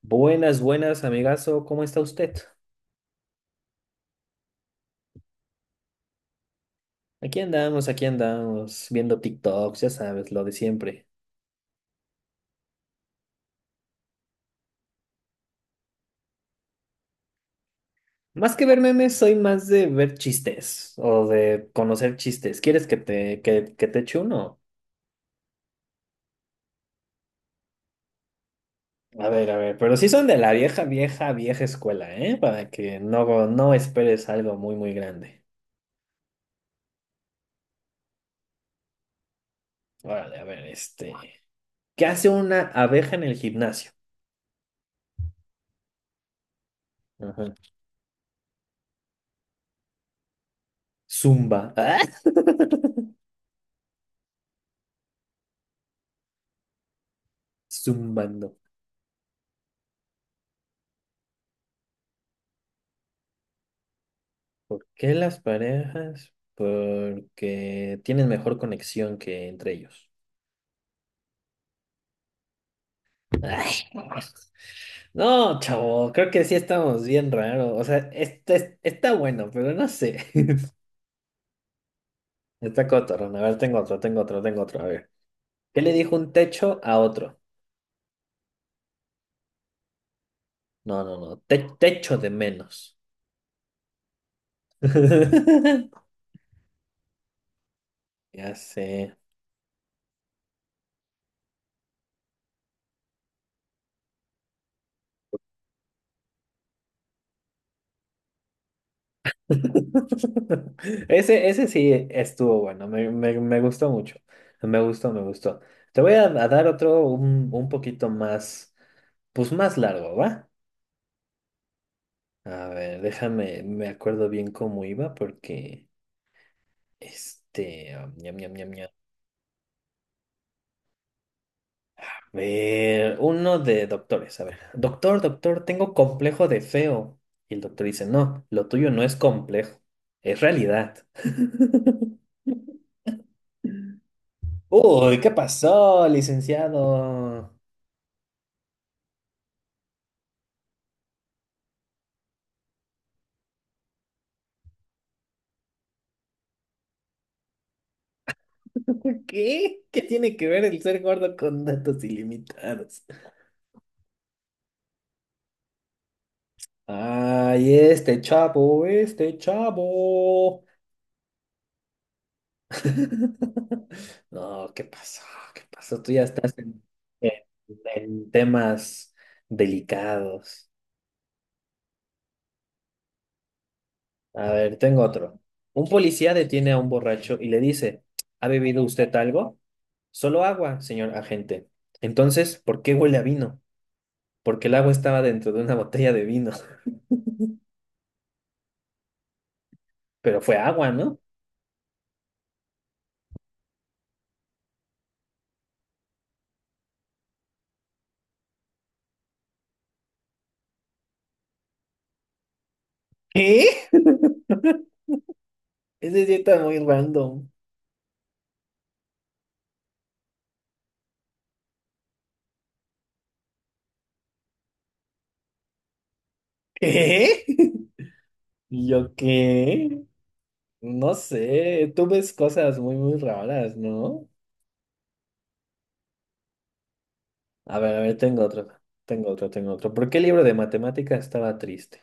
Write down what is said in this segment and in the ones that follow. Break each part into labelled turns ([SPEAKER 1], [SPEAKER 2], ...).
[SPEAKER 1] Buenas, buenas, amigazo, ¿cómo está usted? Aquí andamos, viendo TikToks, ya sabes, lo de siempre. Más que ver memes, soy más de ver chistes o de conocer chistes. ¿Quieres que te eche uno? A ver, pero sí son de la vieja, vieja, vieja escuela, ¿eh? Para que no esperes algo muy, muy grande. Órale, a ver, ¿Qué hace una abeja en el gimnasio? Ajá. Zumba. Zumbando. ¿Por qué las parejas? Porque tienen mejor conexión que entre ellos. Ay, no, chavo, creo que sí estamos bien raro. O sea, está bueno, pero no sé. Está cotorrón. A ver, tengo otro, tengo otro, tengo otro. A ver. ¿Qué le dijo un techo a otro? No, no, no. Techo de menos. Ya sé. Ese sí estuvo bueno, me gustó mucho, me gustó, me gustó. Te voy a dar otro un poquito más, pues más largo, ¿va? A ver, déjame, me acuerdo bien cómo iba porque, ñam, ñam, ñam, ñam. A ver, uno de doctores, a ver, doctor, doctor, tengo complejo de feo. Y el doctor dice, no, lo tuyo no es complejo, es realidad. Uy, ¿qué pasó, licenciado? ¿Qué? ¿Qué tiene que ver el ser gordo con datos ilimitados? Ay, este chavo, este chavo. No, ¿qué pasó? ¿Qué pasó? Tú ya estás en- en temas delicados. A ver, tengo otro. Un policía detiene a un borracho y le dice, ¿ha bebido usted algo? Solo agua, señor agente. Entonces, ¿por qué huele a vino? Porque el agua estaba dentro de una botella de vino, pero fue agua, ¿no? ¿Eh? Ese sí está muy random. ¿Eh? ¿Y yo qué? No sé, tú ves cosas muy, muy raras, ¿no? A ver, tengo otro, tengo otro, tengo otro. ¿Por qué el libro de matemáticas estaba triste?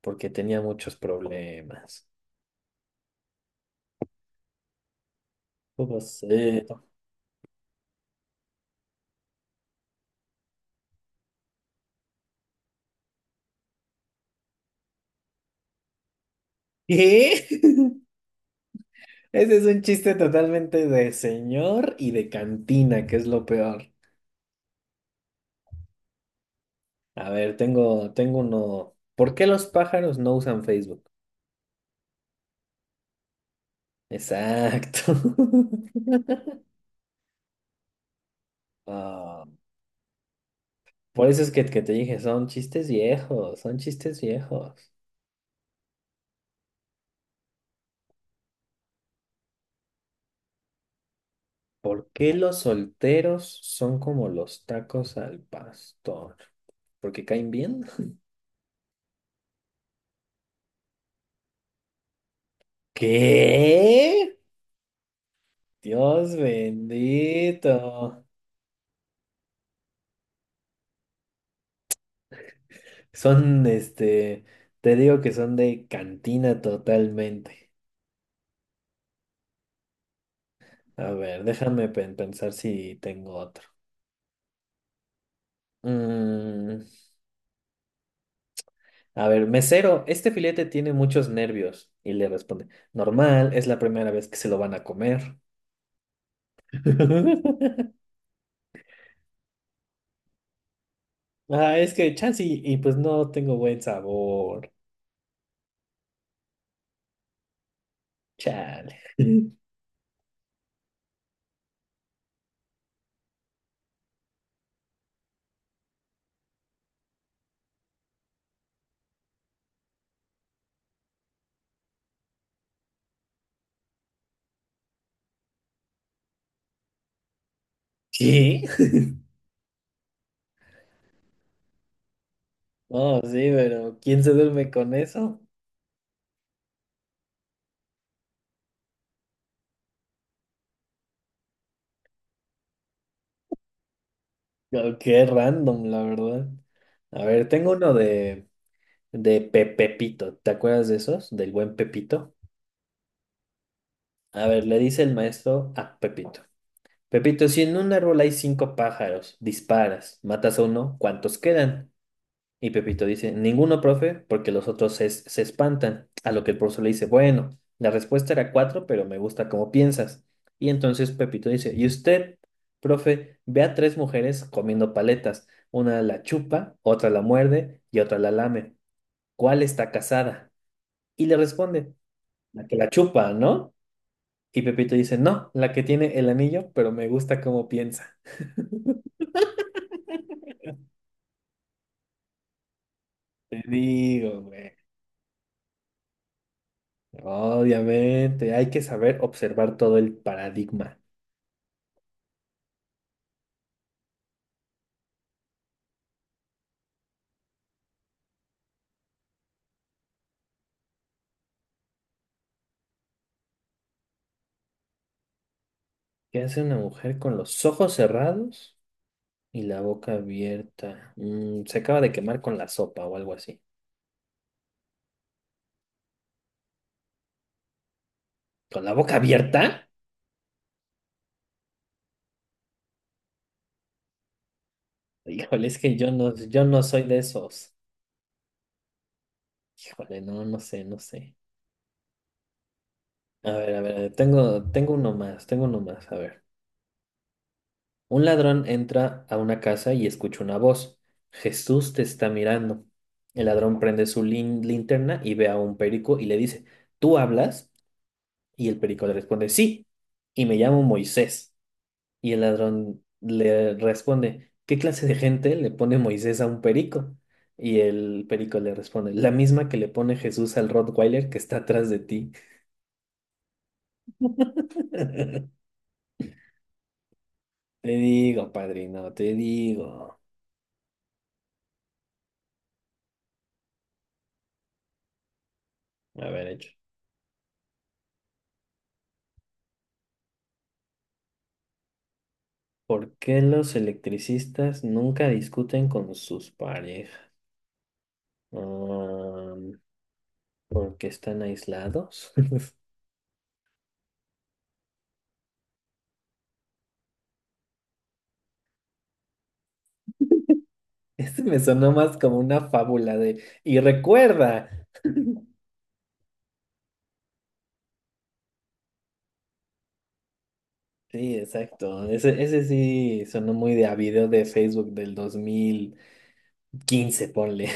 [SPEAKER 1] Porque tenía muchos problemas. ¿Cómo sé? ¿Qué? Ese es un chiste totalmente de señor y de cantina, que es lo peor. A ver, tengo uno. ¿Por qué los pájaros no usan Facebook? Exacto. Ah, por eso es que te dije, son chistes viejos, son chistes viejos. ¿Por qué los solteros son como los tacos al pastor? ¿Porque caen bien? ¿Qué? Dios bendito. Son, este, te digo que son de cantina totalmente. A ver, déjame pensar si tengo otro. Mm, A ver, mesero, este filete tiene muchos nervios. Y le responde, normal, es la primera vez que se lo van a comer. Ah, es que chance y pues no tengo buen sabor. Chale. ¿Qué? Oh, sí, pero ¿quién se duerme con eso? Oh, qué random, la verdad. A ver, tengo uno de Pepito. ¿Te acuerdas de esos? Del buen Pepito. A ver, le dice el maestro a Pepito. Pepito, si en un árbol hay cinco pájaros, disparas, matas a uno, ¿cuántos quedan? Y Pepito dice, ninguno, profe, porque los otros se espantan. A lo que el profesor le dice, bueno, la respuesta era cuatro, pero me gusta cómo piensas. Y entonces Pepito dice, ¿y usted, profe, ve a tres mujeres comiendo paletas? Una la chupa, otra la muerde y otra la lame. ¿Cuál está casada? Y le responde, la que la chupa, ¿no? Y Pepito dice, no, la que tiene el anillo, pero me gusta cómo piensa. Te digo, güey. Obviamente, hay que saber observar todo el paradigma. ¿Qué hace una mujer con los ojos cerrados y la boca abierta? Mm, se acaba de quemar con la sopa o algo así. ¿Con la boca abierta? Híjole, es que yo no soy de esos. Híjole, no, no sé, no sé. A ver, tengo uno más, a ver. Un ladrón entra a una casa y escucha una voz. Jesús te está mirando. El ladrón prende su linterna y ve a un perico y le dice, ¿tú hablas? Y el perico le responde, sí, y me llamo Moisés. Y el ladrón le responde, ¿qué clase de gente le pone Moisés a un perico? Y el perico le responde, la misma que le pone Jesús al Rottweiler que está atrás de ti. Te digo, padrino, te digo. A ver, hecho. ¿Por qué los electricistas nunca discuten con sus parejas? Mm, porque están aislados. Este me sonó más como una fábula de... Y recuerda. Sí, exacto. Ese sí sonó muy de a video de Facebook del 2015, ponle.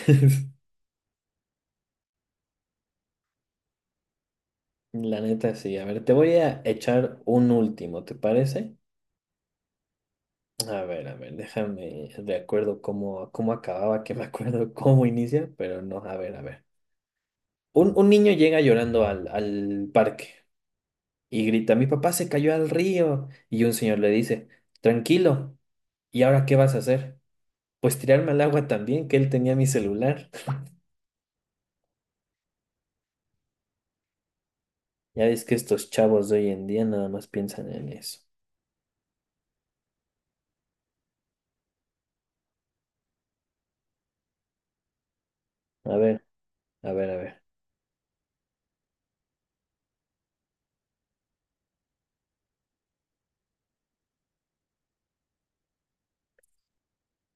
[SPEAKER 1] La neta, sí. A ver, te voy a echar un último, ¿te parece? A ver, déjame de acuerdo cómo, cómo acababa, que me acuerdo cómo inicia, pero no, a ver, a ver. Un niño llega llorando al parque y grita, mi papá se cayó al río. Y un señor le dice, tranquilo, ¿y ahora qué vas a hacer? Pues tirarme al agua también, que él tenía mi celular. Ya ves que estos chavos de hoy en día nada más piensan en eso. A ver, a ver, a ver.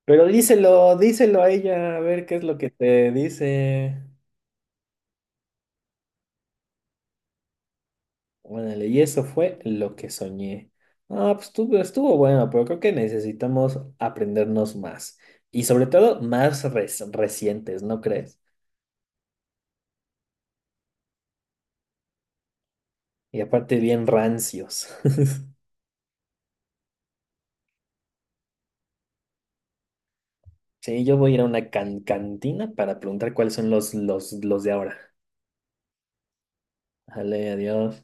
[SPEAKER 1] Pero díselo, díselo a ella, a ver qué es lo que te dice. Bueno, y eso fue lo que soñé. Ah, pues estuvo, estuvo bueno, pero creo que necesitamos aprendernos más. Y sobre todo más recientes, ¿no crees? Y aparte bien rancios. Sí, yo voy a ir a una cantina para preguntar cuáles son los de ahora. Vale, adiós.